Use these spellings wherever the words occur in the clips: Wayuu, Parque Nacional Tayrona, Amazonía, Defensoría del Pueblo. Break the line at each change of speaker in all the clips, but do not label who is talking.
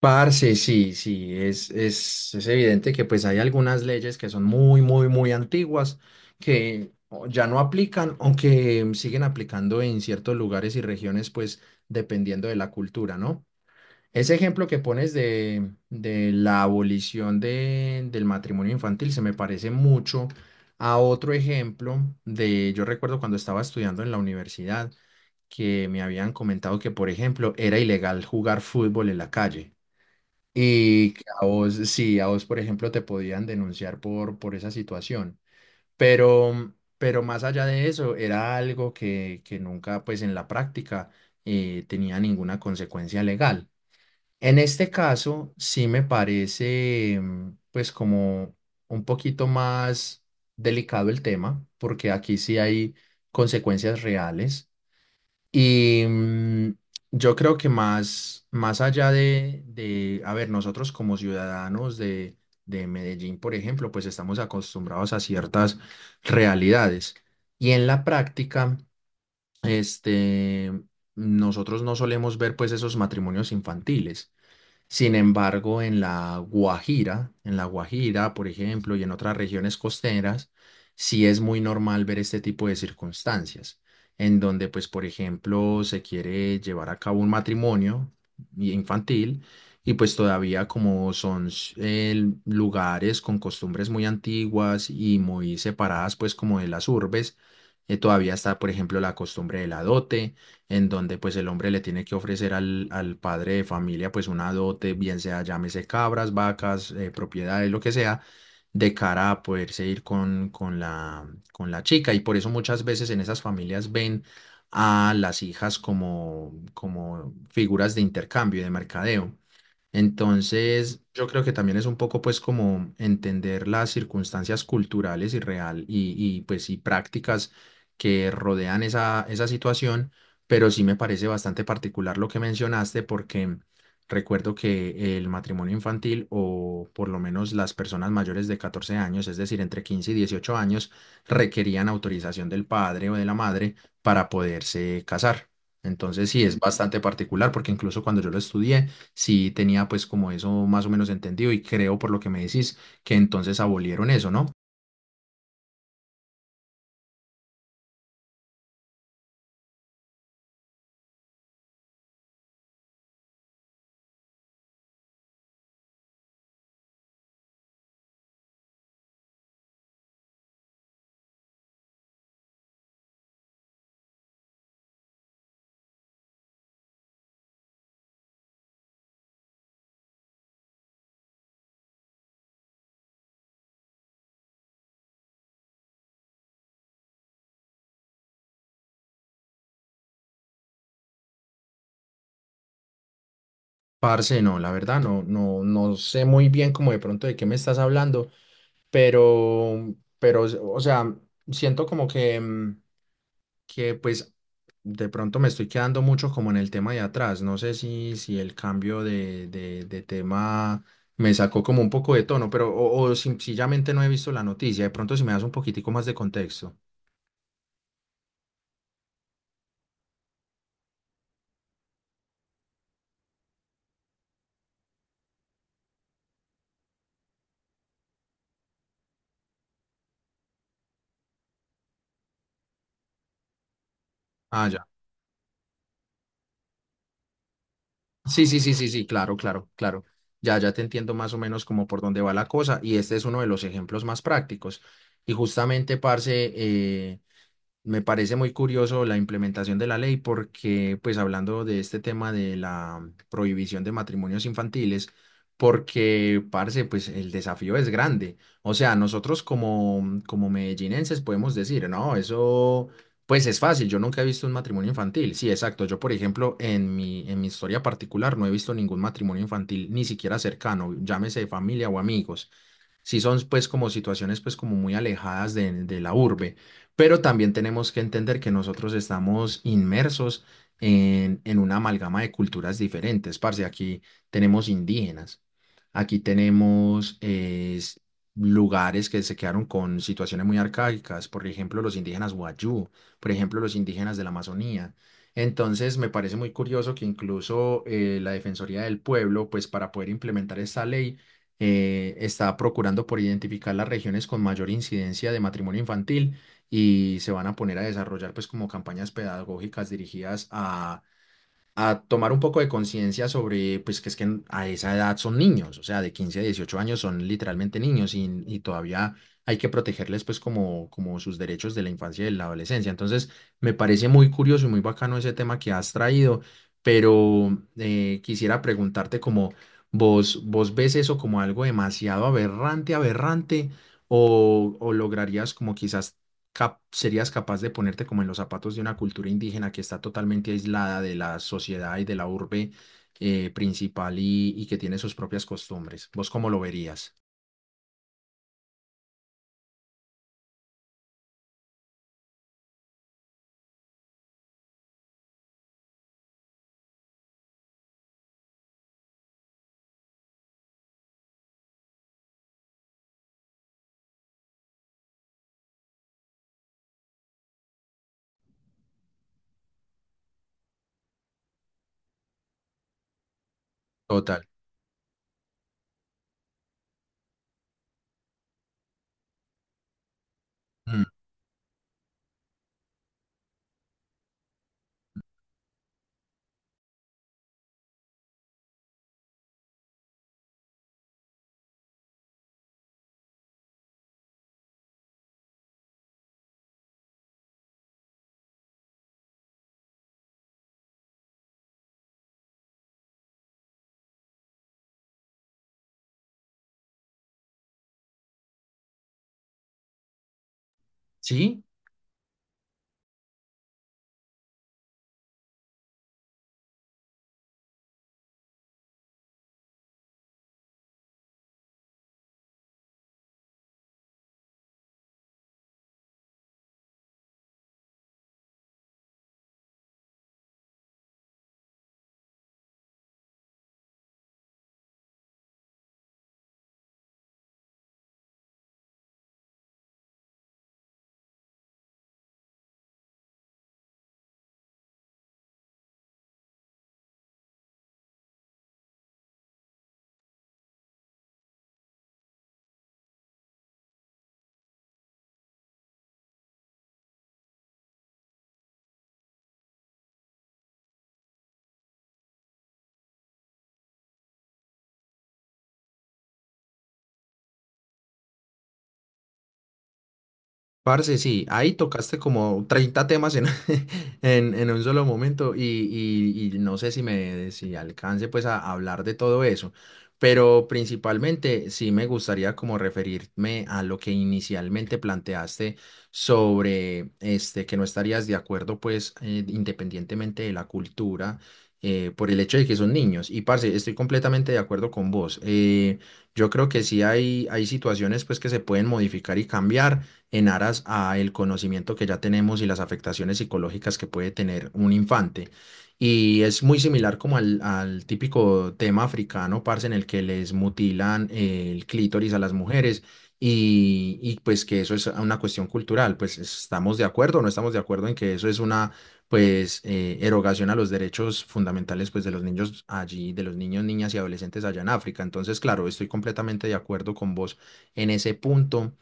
Parce, sí, sí, es evidente que pues hay algunas leyes que son muy, muy, muy antiguas que ya no aplican, aunque siguen aplicando en ciertos lugares y regiones, pues dependiendo de la cultura, ¿no? Ese ejemplo que pones de la abolición del matrimonio infantil se me parece mucho a otro ejemplo yo recuerdo cuando estaba estudiando en la universidad, que me habían comentado que, por ejemplo, era ilegal jugar fútbol en la calle. Y que a vos, sí, a vos, por ejemplo, te podían denunciar por esa situación. Pero más allá de eso, era algo que nunca, pues en la práctica, tenía ninguna consecuencia legal. En este caso, sí me parece, pues como un poquito más delicado el tema, porque aquí sí hay consecuencias reales y yo creo que más allá a ver, nosotros como ciudadanos de Medellín, por ejemplo, pues estamos acostumbrados a ciertas realidades. Y en la práctica, este, nosotros no solemos ver pues esos matrimonios infantiles. Sin embargo, en la Guajira, por ejemplo, y en otras regiones costeras, sí es muy normal ver este tipo de circunstancias, en donde, pues, por ejemplo, se quiere llevar a cabo un matrimonio infantil y pues todavía como son lugares con costumbres muy antiguas y muy separadas, pues, como de las urbes, todavía está, por ejemplo, la costumbre de la dote en donde pues el hombre le tiene que ofrecer al padre de familia pues una dote, bien sea llámese cabras, vacas, propiedades, lo que sea, de cara a poderse ir con la chica. Y por eso muchas veces en esas familias ven a las hijas como, como figuras de intercambio y de mercadeo. Entonces, yo creo que también es un poco pues como entender las circunstancias culturales y real pues y prácticas que rodean esa, esa situación, pero sí me parece bastante particular lo que mencionaste porque recuerdo que el matrimonio infantil o por lo menos las personas mayores de 14 años, es decir, entre 15 y 18 años, requerían autorización del padre o de la madre para poderse casar. Entonces, sí, es bastante particular porque incluso cuando yo lo estudié, sí tenía pues como eso más o menos entendido y creo por lo que me decís que entonces abolieron eso, ¿no? Parce, no, la verdad no, no, no sé muy bien como de pronto de qué me estás hablando, pero, pero, o sea, siento como que pues de pronto me estoy quedando mucho como en el tema de atrás. No sé si el cambio de tema me sacó como un poco de tono, pero o sencillamente no he visto la noticia. De pronto si me das un poquitico más de contexto. Ah, ya. Sí, sí, sí, sí, sí, claro, claro, claro. Ya, ya te entiendo más o menos como por dónde va la cosa y este es uno de los ejemplos más prácticos. Y justamente, parce, me parece muy curioso la implementación de la ley porque, pues hablando de este tema de la prohibición de matrimonios infantiles, porque, parce, pues el desafío es grande. O sea, nosotros como, como medellinenses podemos decir, no, eso, pues es fácil, yo nunca he visto un matrimonio infantil. Sí, exacto, yo por ejemplo, en mi historia particular no he visto ningún matrimonio infantil, ni siquiera cercano, llámese familia o amigos sí son pues como situaciones pues como muy alejadas de la urbe, pero también tenemos que entender que nosotros estamos inmersos en una amalgama de culturas diferentes, parce, aquí tenemos indígenas, aquí tenemos lugares que se quedaron con situaciones muy arcaicas, por ejemplo los indígenas Wayuu, por ejemplo los indígenas de la Amazonía. Entonces, me parece muy curioso que incluso la Defensoría del Pueblo, pues para poder implementar esta ley, está procurando por identificar las regiones con mayor incidencia de matrimonio infantil y se van a poner a desarrollar pues como campañas pedagógicas dirigidas a tomar un poco de conciencia sobre, pues que es que a esa edad son niños, o sea, de 15 a 18 años son literalmente niños y todavía hay que protegerles pues como, como sus derechos de la infancia y de la adolescencia. Entonces, me parece muy curioso y muy bacano ese tema que has traído, pero quisiera preguntarte como vos ves eso como algo demasiado aberrante, aberrante, o lograrías como quizás serías capaz de ponerte como en los zapatos de una cultura indígena que está totalmente aislada de la sociedad y de la urbe principal y que tiene sus propias costumbres. ¿Vos cómo lo verías? Total. Mm. ¿Sí? Parce, sí, ahí tocaste como 30 temas en, en un solo momento y no sé si me si alcance pues a hablar de todo eso, pero principalmente sí me gustaría como referirme a lo que inicialmente planteaste sobre este que no estarías de acuerdo pues independientemente de la cultura por el hecho de que son niños. Y parce, estoy completamente de acuerdo con vos. Yo creo que sí hay situaciones pues que se pueden modificar y cambiar en aras a el conocimiento que ya tenemos y las afectaciones psicológicas que puede tener un infante. Y es muy similar como al típico tema africano, parce, en el que les mutilan el clítoris a las mujeres y pues que eso es una cuestión cultural. Pues estamos de acuerdo o no estamos de acuerdo en que eso es una pues erogación a los derechos fundamentales pues de los niños allí, de los niños, niñas y adolescentes allá en África. Entonces, claro, estoy completamente de acuerdo con vos en ese punto.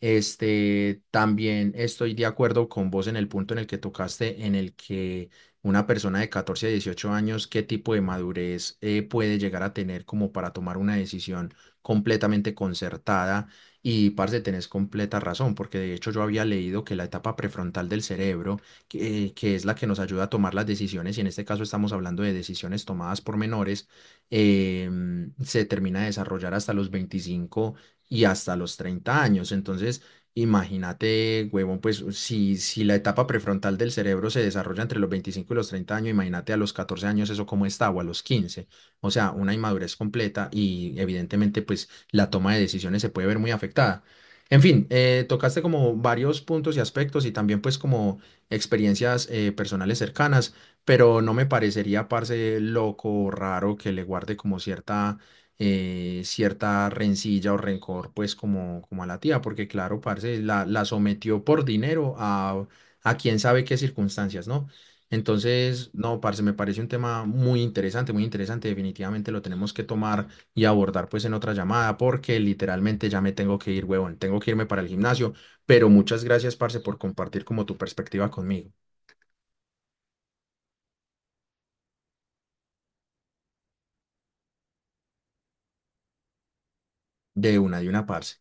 Este, también estoy de acuerdo con vos en el punto en el que tocaste, en el que una persona de 14 a 18 años, qué tipo de madurez puede llegar a tener como para tomar una decisión completamente concertada. Y, parce, tenés completa razón, porque de hecho yo había leído que la etapa prefrontal del cerebro, que es la que nos ayuda a tomar las decisiones, y en este caso estamos hablando de decisiones tomadas por menores, se termina de desarrollar hasta los 25 y hasta los 30 años. Entonces, imagínate, huevón, pues si la etapa prefrontal del cerebro se desarrolla entre los 25 y los 30 años, imagínate a los 14 años eso cómo está o a los 15. O sea, una inmadurez completa y evidentemente pues la toma de decisiones se puede ver muy afectada. En fin, tocaste como varios puntos y aspectos y también pues como experiencias personales cercanas, pero no me parecería, parce, loco o raro que le guarde como cierta cierta rencilla o rencor, pues como, como a la tía, porque claro, parce, la sometió por dinero a quién sabe qué circunstancias, ¿no? Entonces, no, parce, me parece un tema muy interesante, definitivamente lo tenemos que tomar y abordar pues en otra llamada, porque literalmente ya me tengo que ir, huevón, tengo que irme para el gimnasio, pero muchas gracias, parce, por compartir como tu perspectiva conmigo, de una, parce.